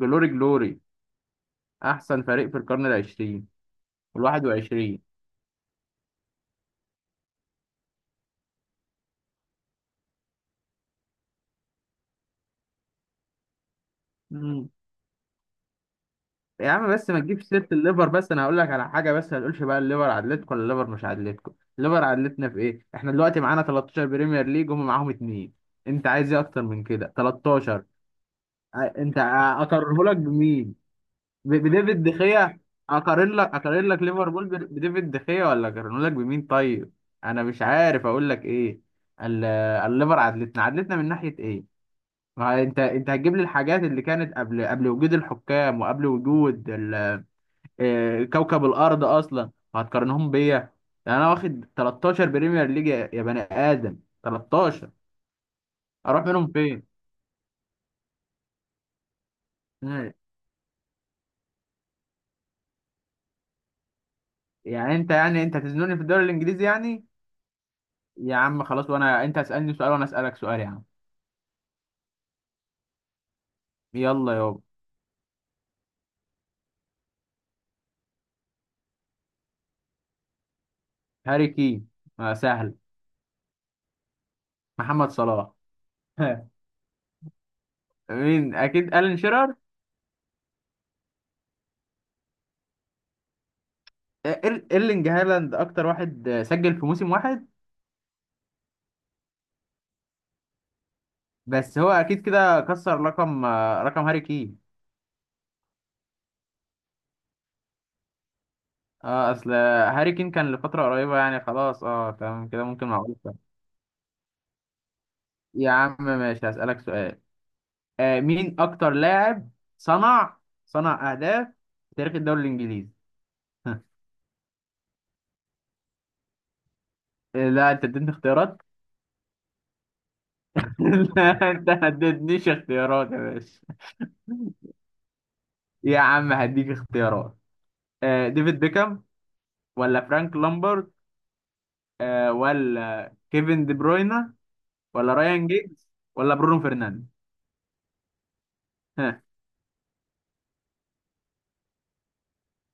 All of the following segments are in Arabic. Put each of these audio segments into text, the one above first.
جلوري جلوري، احسن فريق في القرن العشرين والواحد وعشرين. مم. يا عم بس ما تجيبش سيره الليفر، بس انا هقول لك على حاجه، بس ما تقولش بقى الليفر عدلتكم ولا الليفر مش عدلتكم. الليفر عدلتنا في ايه؟ احنا دلوقتي معانا 13 بريمير ليج، هم معاهم اتنين. انت عايز ايه اكتر من كده؟ 13. اقرره لك بمين؟ بديفيد دخيا. اقارن لك ليفربول بديفيد دخيا، ولا اقارنه لك بمين طيب؟ انا مش عارف اقول لك ايه. ال- الليفر عدلتنا من ناحيه ايه؟ ما انت هتجيب لي الحاجات اللي كانت قبل وجود الحكام، وقبل وجود كوكب الارض اصلا وهتقارنهم بيا. يعني انا واخد 13 بريمير ليج، يا بني ادم، 13. اروح منهم فين؟ مم. يعني انت هتزنوني في الدوري الانجليزي يعني؟ يا عم خلاص، وانا انت اسالني سؤال وانا اسالك سؤال يا عم. يلا يابا. هاري كين. سهل. محمد صلاح. مين؟ اكيد الين شيرر. ايرلينج هالاند اكتر واحد، سجل في موسم واحد. بس هو اكيد كده كسر رقم، رقم هاري كين. اه اصل هاري كين كان لفتره قريبه يعني، خلاص اه تمام كده، ممكن معقولة. يا عم ماشي، هسألك سؤال. مين اكتر لاعب صنع صنع اهداف في تاريخ الدوري الانجليزي. لا انت اديتني اختيارات. لا انت ما اديتنيش اختيارات يا باشا. يا عم هديك اختيارات. ديفيد بيكهام، ولا فرانك لامبرد، ولا كيفن دي بروينا، ولا رايان جيجز، ولا برونو فرنانديز.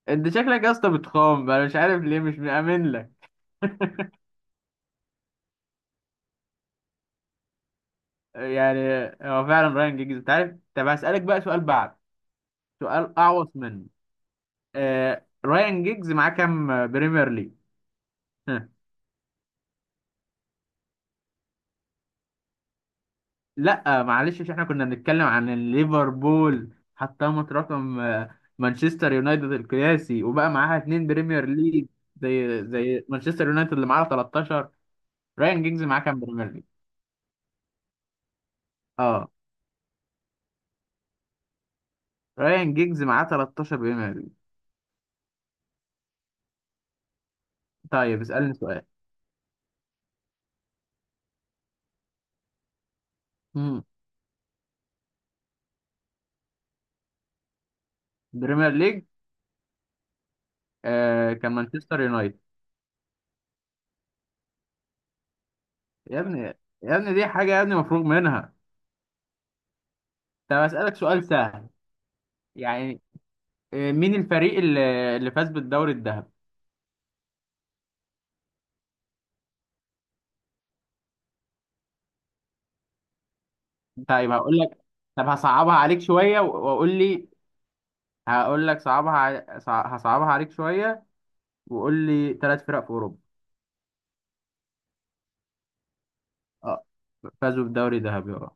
انت شكلك يا اسطى بتخام، انا مش عارف ليه مش مأمن لك. يعني هو فعلا رايان جيجز، انت عارف. طب هسألك بقى سؤال بعد سؤال اعوص منه. رايان جيجز معاه كام بريمير ليج؟ ها. لا معلش، عشان احنا كنا بنتكلم عن ليفربول حطمت رقم مانشستر يونايتد القياسي وبقى معاها اتنين بريمير ليج. زي مانشستر يونايتد اللي معاها 13. رايان جيجز معاه كام بريمير ليج؟ اه رايان جيجز معاه 13 بريمير ليج. طيب اسألني سؤال. مم. بريمير ليج. كان مانشستر يونايتد. يا ابني، يا ابني دي حاجة يا ابني مفروغ منها. طب أسألك سؤال سهل. يعني. مين الفريق اللي فاز بالدوري الذهبي؟ طيب هقول لك. طب هصعبها عليك شوية وقول لي. هقول لك هصعبها عليك شوية وقول لي ثلاث فرق في أوروبا. اه فازوا بالدوري الذهبي اه.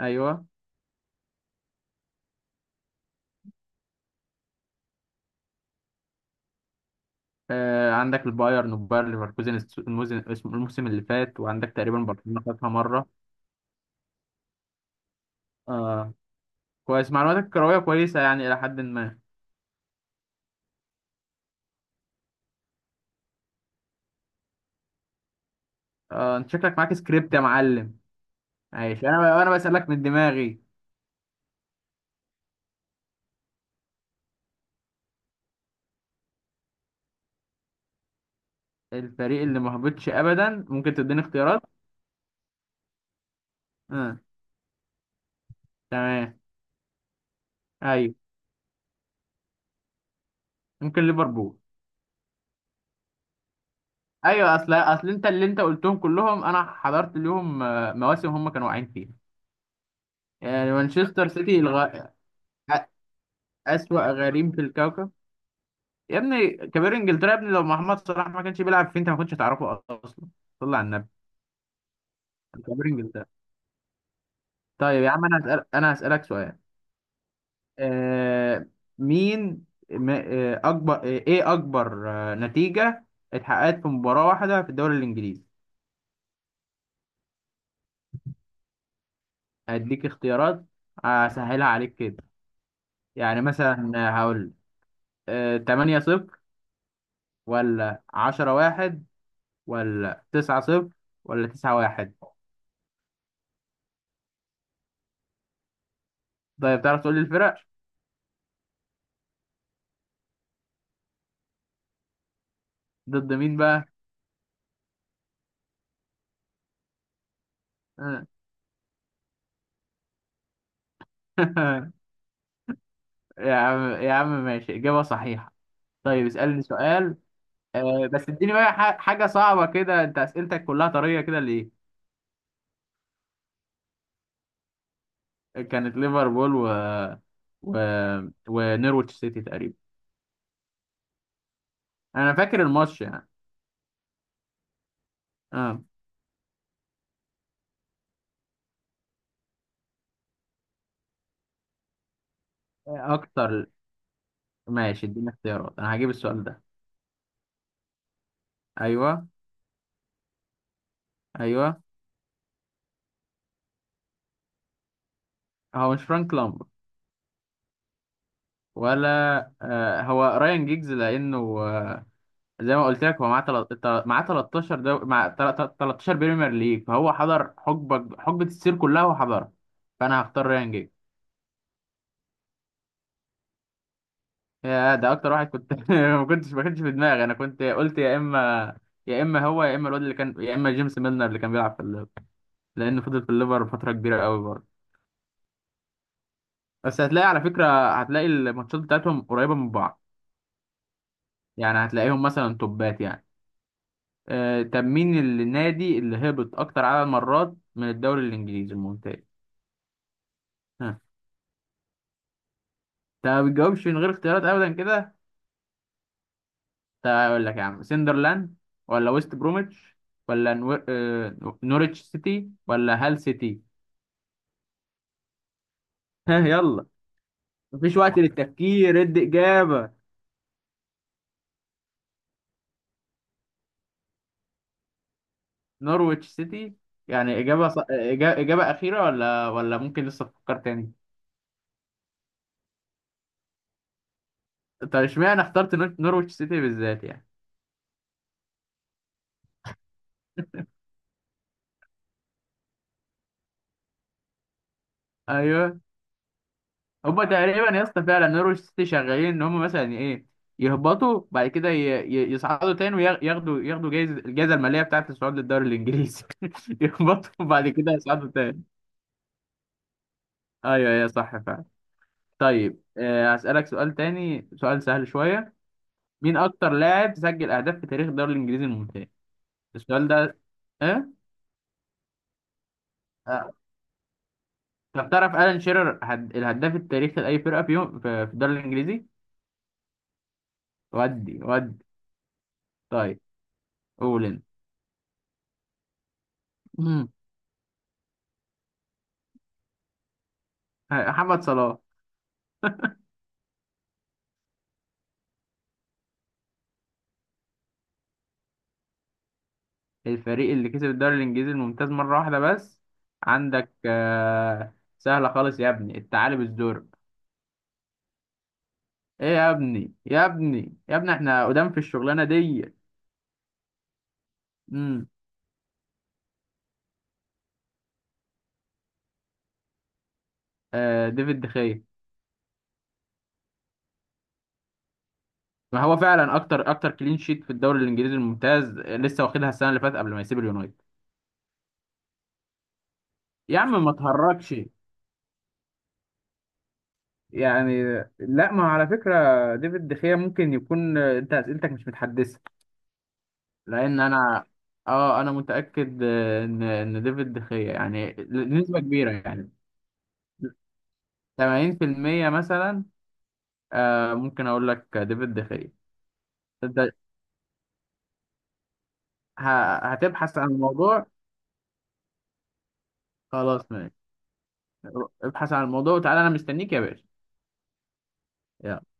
ايوه. عندك البايرن، وبايرن ليفركوزن الموسم اللي فات، وعندك تقريبا برشلونة خدها مرة. آه. كويس، معلوماتك الكروية كويسة يعني إلى حد ما. اه انت شكلك معاك سكريبت يا معلم. ماشي، انا بسألك من دماغي. الفريق اللي ما هبطش ابدا، ممكن تديني اختيارات؟ اه. تمام. ايوه. ممكن ليفربول. ايوه، اصل انت اللي انت قلتهم كلهم، انا حضرت ليهم مواسم هم كانوا واقعين فيها. يعني مانشستر سيتي أ- اسوأ غريم في الكوكب. يا ابني كبير انجلترا، يا ابني لو محمد صلاح ما كانش بيلعب فيه انت ما كنتش هتعرفه اصلا. صلى على النبي. كبير انجلترا. طيب يا عم انا هسألك سؤال. آه، مين ما- آه، اكبر نتيجة اتحققت في مباراة واحدة في الدوري الانجليزي. هديك اختيارات، اسهلها عليك كده. يعني مثلا هقول 8 صفر، ولا 10 واحد، ولا 9 صفر، ولا 9 واحد. طيب تعرف تقول لي الفرق؟ ضد مين بقى؟ آه. يا عم يا عم ماشي، إجابة صحيحة. طيب اسألني سؤال. بس اديني بقى حاجة صعبة كده، انت اسئلتك كلها طرية كده ليه؟ كانت ليفربول و... ونورويتش سيتي تقريبا. انا فاكر الماتش يعني. اه. اكتر. ماشي اديني اختيارات، انا هجيب السؤال ده. ايوه. ايوه. هو مش فرانك لامبر. ولا هو رايان جيجز لانه. زي ما قلت لك هو معاه 13 دو... مع تل- تل- 13 بريمير ليج، فهو حضر حقبه السير كلها وحضرها. فانا هختار رايان جيجز. يا، ده اكتر واحد كنت. ما كنتش في دماغي، انا كنت قلت يا اما، يا اما هو يا اما الواد اللي كان يا اما جيمس ميلنر اللي كان بيلعب في الليفر لانه فضل في الليفر فتره كبيره قوي برضه. بس هتلاقي على فكره هتلاقي الماتشات بتاعتهم قريبه من بعض، يعني هتلاقيهم مثلا توبات يعني. طب مين النادي اللي هبط اكتر عدد مرات من الدوري الانجليزي الممتاز؟ ها؟ انت ما بتجاوبش من غير اختيارات ابدا كده. طب اقول لك يا عم سندرلاند، ولا ويست بروميتش، ولا نوريتش سيتي، ولا هال سيتي. ها يلا، مفيش وقت للتفكير، ادي إجابة. نورويتش سيتي. يعني إجابة أخيرة، ولا ممكن لسه تفكر تاني؟ طب اشمعنى اخترت نورويتش سيتي بالذات يعني؟ أيوه. هما تقريبا يا اسطى فعلا نورويتش سيتي شغالين إن هما مثلا إيه، يهبطوا بعد كده يصعدوا تاني وياخدوا الجائزة المالية بتاعة الصعود للدوري الإنجليزي. يهبطوا وبعد كده يصعدوا تاني. أيوه أيوه صح فعلا. طيب، هسألك سؤال تاني، سؤال سهل شوية. مين اكتر لاعب سجل اهداف في تاريخ الدوري الانجليزي الممتاز؟ السؤال ده ايه؟ آه. طب تعرف الان شيرر الهداف التاريخي لاي فرقه في يوم في الدوري الانجليزي؟ ودي. طيب قول انت. مم. محمد صلاح. الفريق اللي كسب الدوري الانجليزي الممتاز مره واحده بس. عندك سهله خالص يا ابني، الثعالب الزرق. ايه يا ابني يا ابني يا ابني احنا قدام في الشغلانه دي. امم ديفيد دخيا. ما هو فعلا اكتر كلين شيت في الدوري الانجليزي الممتاز، لسه واخدها السنه اللي فاتت قبل ما يسيب اليونايتد. يا عم ما تهرجش. يعني. لا ما على فكره ديفيد دخيا ممكن يكون، انت اسئلتك مش متحدثه، لان انا اه انا متاكد ان ديفيد دخيا يعني نسبه كبيره يعني. 80% مثلا. ممكن اقول لك ديفيد دخيا. انت هتبحث عن الموضوع. خلاص ماشي. ابحث عن الموضوع وتعالى انا مستنيك يا باشا. يلا.